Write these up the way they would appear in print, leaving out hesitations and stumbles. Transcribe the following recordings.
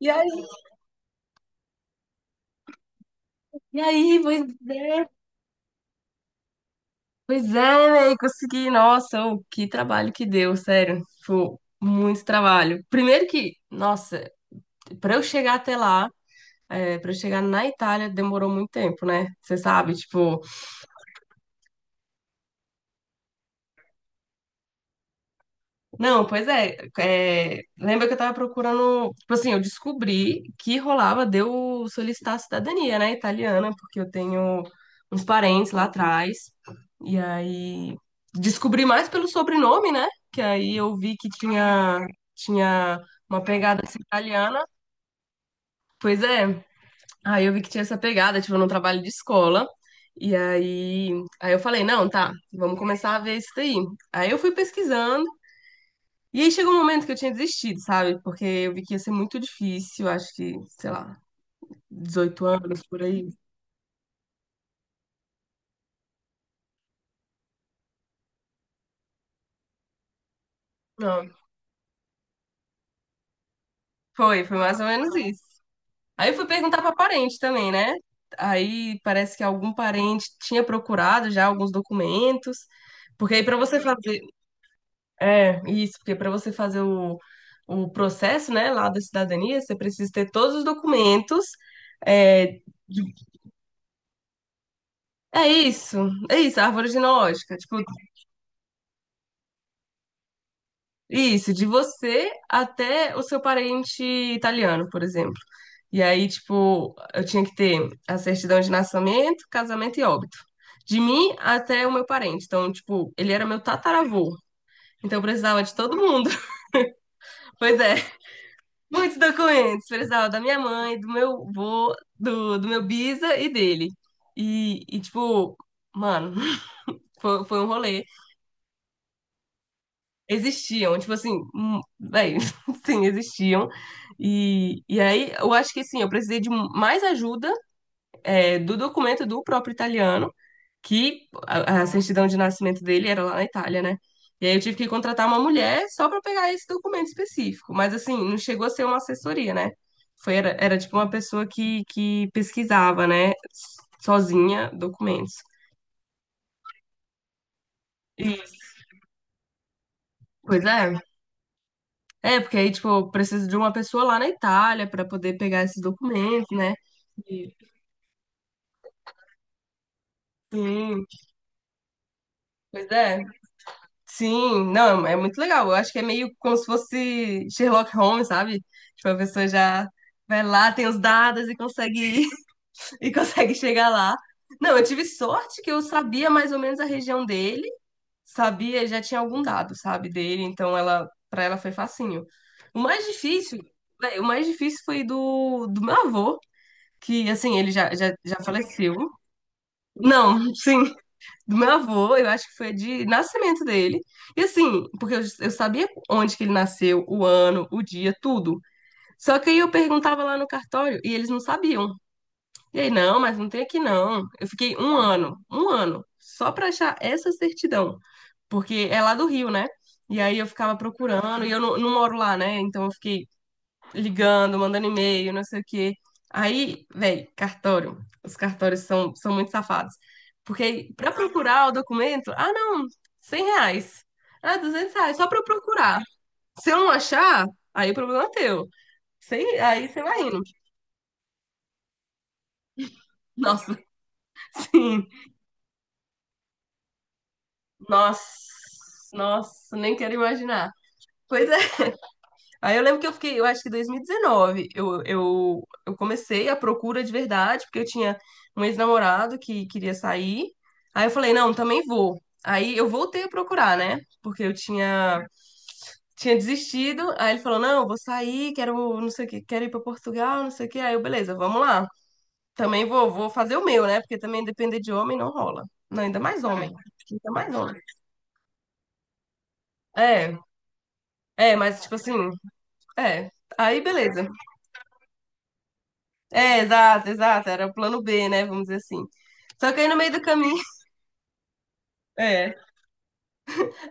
E aí, e aí, é, pois é, véi, consegui. Nossa, ô, que trabalho que deu, sério. Foi muito trabalho. Primeiro que, nossa, pra eu chegar até lá, é, para eu chegar na Itália, demorou muito tempo, né? Você sabe, tipo. Não, pois é, lembra que eu tava procurando. Tipo assim, eu descobri que rolava de eu solicitar a cidadania, né, italiana, porque eu tenho uns parentes lá atrás. E aí. Descobri mais pelo sobrenome, né? Que aí eu vi que tinha uma pegada assim, italiana. Pois é, aí eu vi que tinha essa pegada, tipo, num trabalho de escola. E aí, aí eu falei, não, tá, vamos começar a ver isso daí. Aí eu fui pesquisando. E aí chegou um momento que eu tinha desistido, sabe? Porque eu vi que ia ser muito difícil, acho que, sei lá, 18 anos por aí. Não, foi mais ou menos isso. Aí eu fui perguntar pra parente também, né? Aí parece que algum parente tinha procurado já alguns documentos, porque aí pra você fazer, isso, porque pra você fazer o processo, né, lá da cidadania, você precisa ter todos os documentos, é, de- é isso, é isso, a árvore genealógica. Tipo, isso, de você até o seu parente italiano, por exemplo. E aí, tipo, eu tinha que ter a certidão de nascimento, casamento e óbito. De mim até o meu parente. Então, tipo, ele era meu tataravô. Então, eu precisava de todo mundo. Pois é, muitos documentos. Precisava da minha mãe, do meu vô, do meu bisa e dele. E tipo, mano, foi um rolê. Existiam, tipo assim, bem, sim, existiam. E aí eu acho que assim, eu precisei de mais ajuda, do documento do próprio italiano, que a certidão de nascimento dele era lá na Itália, né? E aí eu tive que contratar uma mulher só para pegar esse documento específico. Mas assim, não chegou a ser uma assessoria, né? Era tipo uma pessoa que pesquisava, né, sozinha documentos. E, Pois é. É, porque aí, tipo, eu preciso de uma pessoa lá na Itália para poder pegar esses documentos, né? E- Sim, pois é. Sim, não, é muito legal. Eu acho que é meio como se fosse Sherlock Holmes, sabe? Tipo, a pessoa já vai lá, tem os dados e consegue e consegue chegar lá. Não, eu tive sorte que eu sabia mais ou menos a região dele, sabia, já tinha algum dado, sabe, dele, então ela para ela foi facinho. O mais difícil, véi, o mais difícil foi do meu avô. Que assim, ele já faleceu. Não, sim, do meu avô, eu acho que foi de nascimento dele. E assim, porque eu sabia onde que ele nasceu, o ano, o dia, tudo. Só que aí eu perguntava lá no cartório e eles não sabiam. E aí, não, mas não tem aqui não. Eu fiquei um ano, só pra achar essa certidão. Porque é lá do Rio, né? E aí eu ficava procurando, e eu não, não moro lá, né? Então eu fiquei ligando, mandando e-mail, não sei o quê. Aí, velho, cartório. Os cartórios são muito safados. Porque para procurar o documento, ah, não, 100 reais. Ah, 200 reais, só para eu procurar. Se eu não achar, aí o problema é teu. Sem, aí você vai indo. Nossa, sim. Nossa, nossa, nem quero imaginar. Pois é. Aí eu lembro que eu fiquei, eu acho que 2019, eu comecei a procura de verdade, porque eu tinha um ex-namorado que queria sair. Aí eu falei, não, também vou. Aí eu voltei a procurar, né? Porque eu tinha desistido. Aí ele falou, não, eu vou sair, quero, não sei o quê, quero ir para Portugal, não sei o quê. Aí eu, beleza, vamos lá. Também vou fazer o meu, né? Porque também depender de homem não rola. Não, ainda mais homem. Ainda mais homem. É, é, mas tipo assim, é. Aí beleza. É, exato, exato. Era o plano B, né? Vamos dizer assim. Só que aí no meio do caminho, é,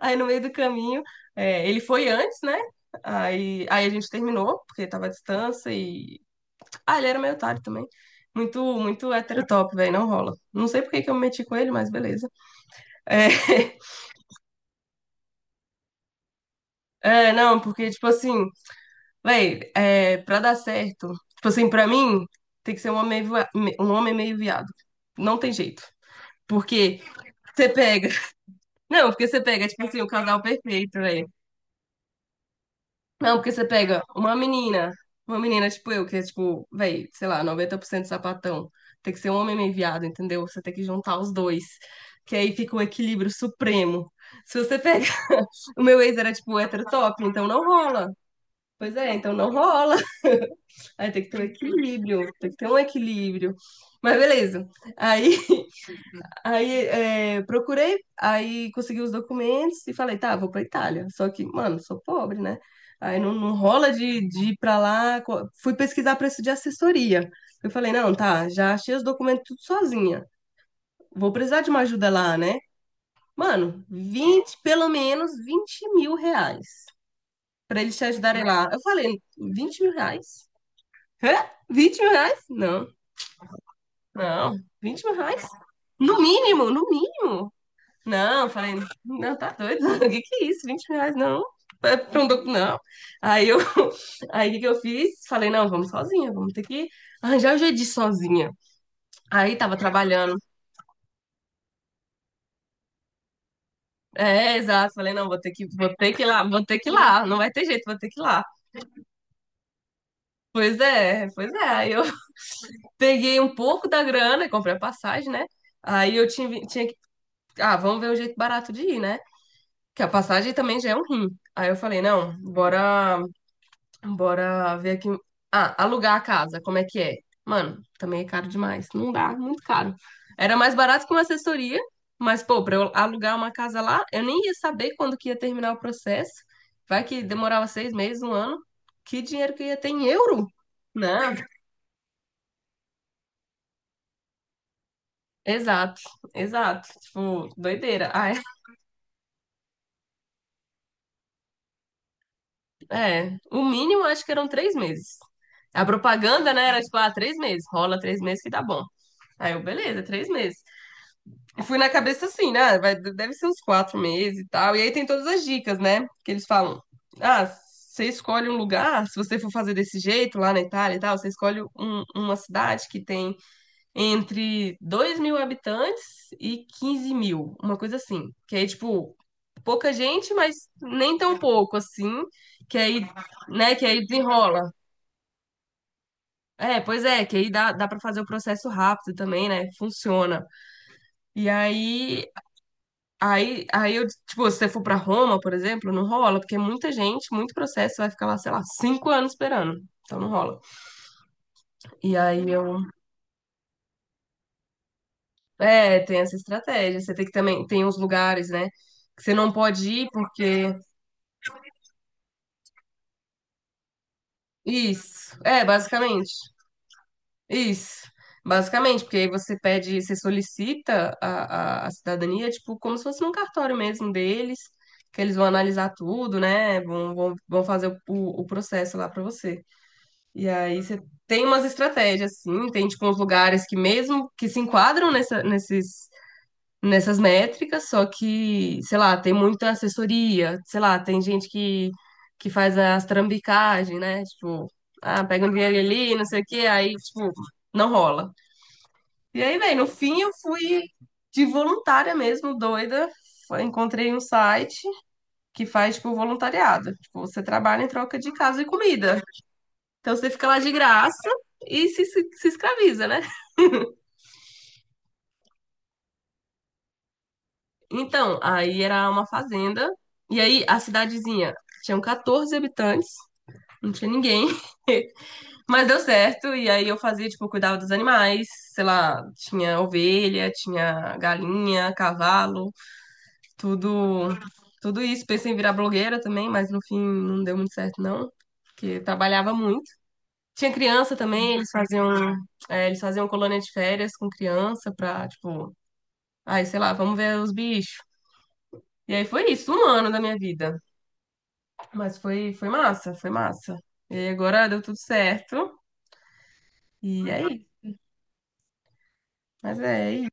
aí no meio do caminho, ele foi antes, né? Aí a gente terminou, porque tava à distância e. Ah, ele era meio otário também. Muito, muito heterotop, velho, não rola. Não sei por que que eu me meti com ele, mas beleza. É, é, não, porque, tipo assim, velho, é, pra dar certo, tipo assim, pra mim, tem que ser um homem meio viado. Não tem jeito. Porque você pega. Não, porque você pega, tipo assim, o casal perfeito, velho. Não, porque você pega uma menina tipo eu, que é tipo, velho, sei lá, 90% sapatão. Tem que ser um homem meio viado, entendeu? Você tem que juntar os dois. Que aí fica o equilíbrio supremo. Se você pega. O meu ex era tipo hétero top, então não rola. Pois é, então não rola. Aí tem que ter um equilíbrio, tem que ter um equilíbrio. Mas beleza. Aí Aí é, procurei, aí consegui os documentos e falei, tá, vou pra Itália. Só que, mano, sou pobre, né? Aí não, não rola de ir pra lá. Fui pesquisar preço de assessoria. Eu falei, não, tá, já achei os documentos tudo sozinha. Vou precisar de uma ajuda lá, né? Mano, 20 pelo menos 20 mil reais pra eles te ajudarem lá. Eu falei, 20 mil reais? Hã? 20 mil reais? Não, não, 20 mil reais? No mínimo, no mínimo. Não, falei, não, tá doido, o que que é isso? 20 reais, não. É pra um não. Aí eu, aí o que que eu fiz? Falei, não, vamos sozinha, vamos ter que arranjar o jeito de ir sozinha. Aí tava trabalhando. É, exato. Falei, não, vou ter que ir lá, vou ter que ir lá, não vai ter jeito, vou ter que ir lá. Pois é, pois é. Aí eu peguei um pouco da grana, comprei a passagem, né? Aí eu tinha que, ah, vamos ver o jeito barato de ir, né? Que a passagem também já é um rim. Aí eu falei, não, bora ver aqui. Ah, alugar a casa, como é que é? Mano, também é caro demais. Não dá, muito caro. Era mais barato que uma assessoria, mas, pô, pra eu alugar uma casa lá, eu nem ia saber quando que ia terminar o processo. Vai que demorava 6 meses, um ano. Que dinheiro que eu ia ter em euro? Não, exato, exato. Tipo, doideira. Ah, é. É. O mínimo acho que eram 3 meses. A propaganda, né, era tipo, ah, 3 meses. Rola 3 meses que dá bom. Aí eu, beleza, 3 meses. E fui na cabeça assim, né? Vai, deve ser uns 4 meses e tal. E aí tem todas as dicas, né? Que eles falam: ah, você escolhe um lugar, se você for fazer desse jeito lá na Itália e tal, você escolhe uma cidade que tem entre 2 mil habitantes e 15 mil, uma coisa assim. Que aí, tipo, pouca gente, mas nem tão pouco assim. Que aí, né? Que aí desenrola. É, pois é, que aí dá para fazer o processo rápido também, né? Funciona. E aí aí eu, tipo, se você for pra Roma, por exemplo, não rola, porque é muita gente, muito processo, você vai ficar lá, sei lá, 5 anos esperando. Então não rola. E aí eu. É, tem essa estratégia. Você tem que também. Tem uns lugares, né? Que você não pode ir porque. Isso. É, basicamente. Isso. Basicamente, porque aí você pede, você solicita a cidadania, tipo, como se fosse num cartório mesmo deles, que eles vão analisar tudo, né? Vão fazer o processo lá pra você. E aí você tem umas estratégias, assim tem tipo uns lugares que mesmo que se enquadram nessa, nesses, nessas métricas, só que, sei lá, tem muita assessoria, sei lá, tem gente que, faz as trambicagens, né? Tipo, ah, pega um dinheiro ali, não sei o quê, aí, tipo, não rola. E aí, velho, no fim eu fui de voluntária mesmo, doida. Encontrei um site que faz, tipo, voluntariado. Tipo, você trabalha em troca de casa e comida. Então você fica lá de graça e se escraviza, né? Então, aí era uma fazenda. E aí a cidadezinha tinha 14 habitantes, não tinha ninguém, mas deu certo. E aí eu fazia, tipo, eu cuidava dos animais, sei lá, tinha ovelha, tinha galinha, cavalo, tudo, tudo isso. Pensei em virar blogueira também, mas no fim não deu muito certo, não. Porque trabalhava muito. Tinha criança também, eles faziam colônia de férias com criança pra, tipo, aí, sei lá, vamos ver os bichos. E aí foi isso, um ano da minha vida. Mas foi massa, foi massa. E aí agora deu tudo certo. E aí, mas é isso.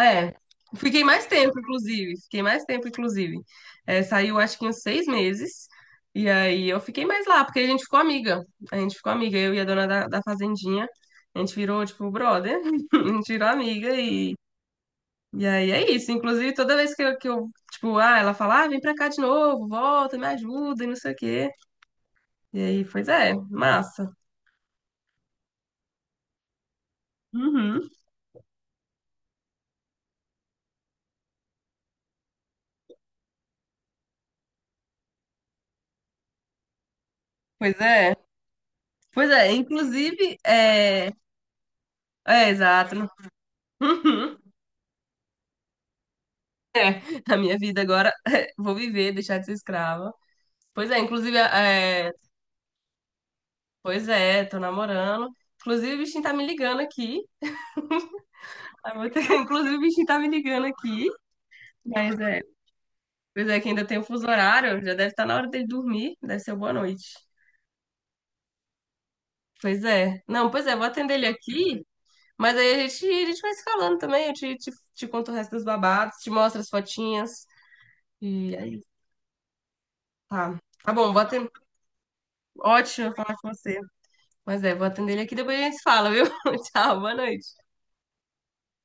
É, fiquei mais tempo, inclusive. Fiquei mais tempo, inclusive. É, saiu acho que uns 6 meses. E aí eu fiquei mais lá, porque a gente ficou amiga. A gente ficou amiga, eu e a dona da fazendinha. A gente virou, tipo, brother. A gente virou amiga E aí é isso. Inclusive, toda vez que eu, tipo, ah, ela fala, ah, vem pra cá de novo, volta, me ajuda e não sei o quê. E aí, pois é, massa. Uhum. Pois é. Pois é, inclusive, é. É, exato. Uhum. A minha vida agora, vou viver, deixar de ser escrava. Pois é, inclusive, é. Pois é, tô namorando. Inclusive, o bichinho tá me ligando aqui. Ah, Inclusive, o bichinho tá me ligando aqui. Mas é, pois é, que ainda tem o fuso horário, já deve estar na hora dele dormir. Deve ser boa noite. Pois é. Não, pois é, vou atender ele aqui, mas aí a gente vai se falando também. Eu te conto o resto dos babados, te mostro as fotinhas. E aí, tá. Tá bom, vou atender. Ótimo falar com você. Mas é, vou atender ele aqui, depois a gente se fala, viu? Tchau, boa noite.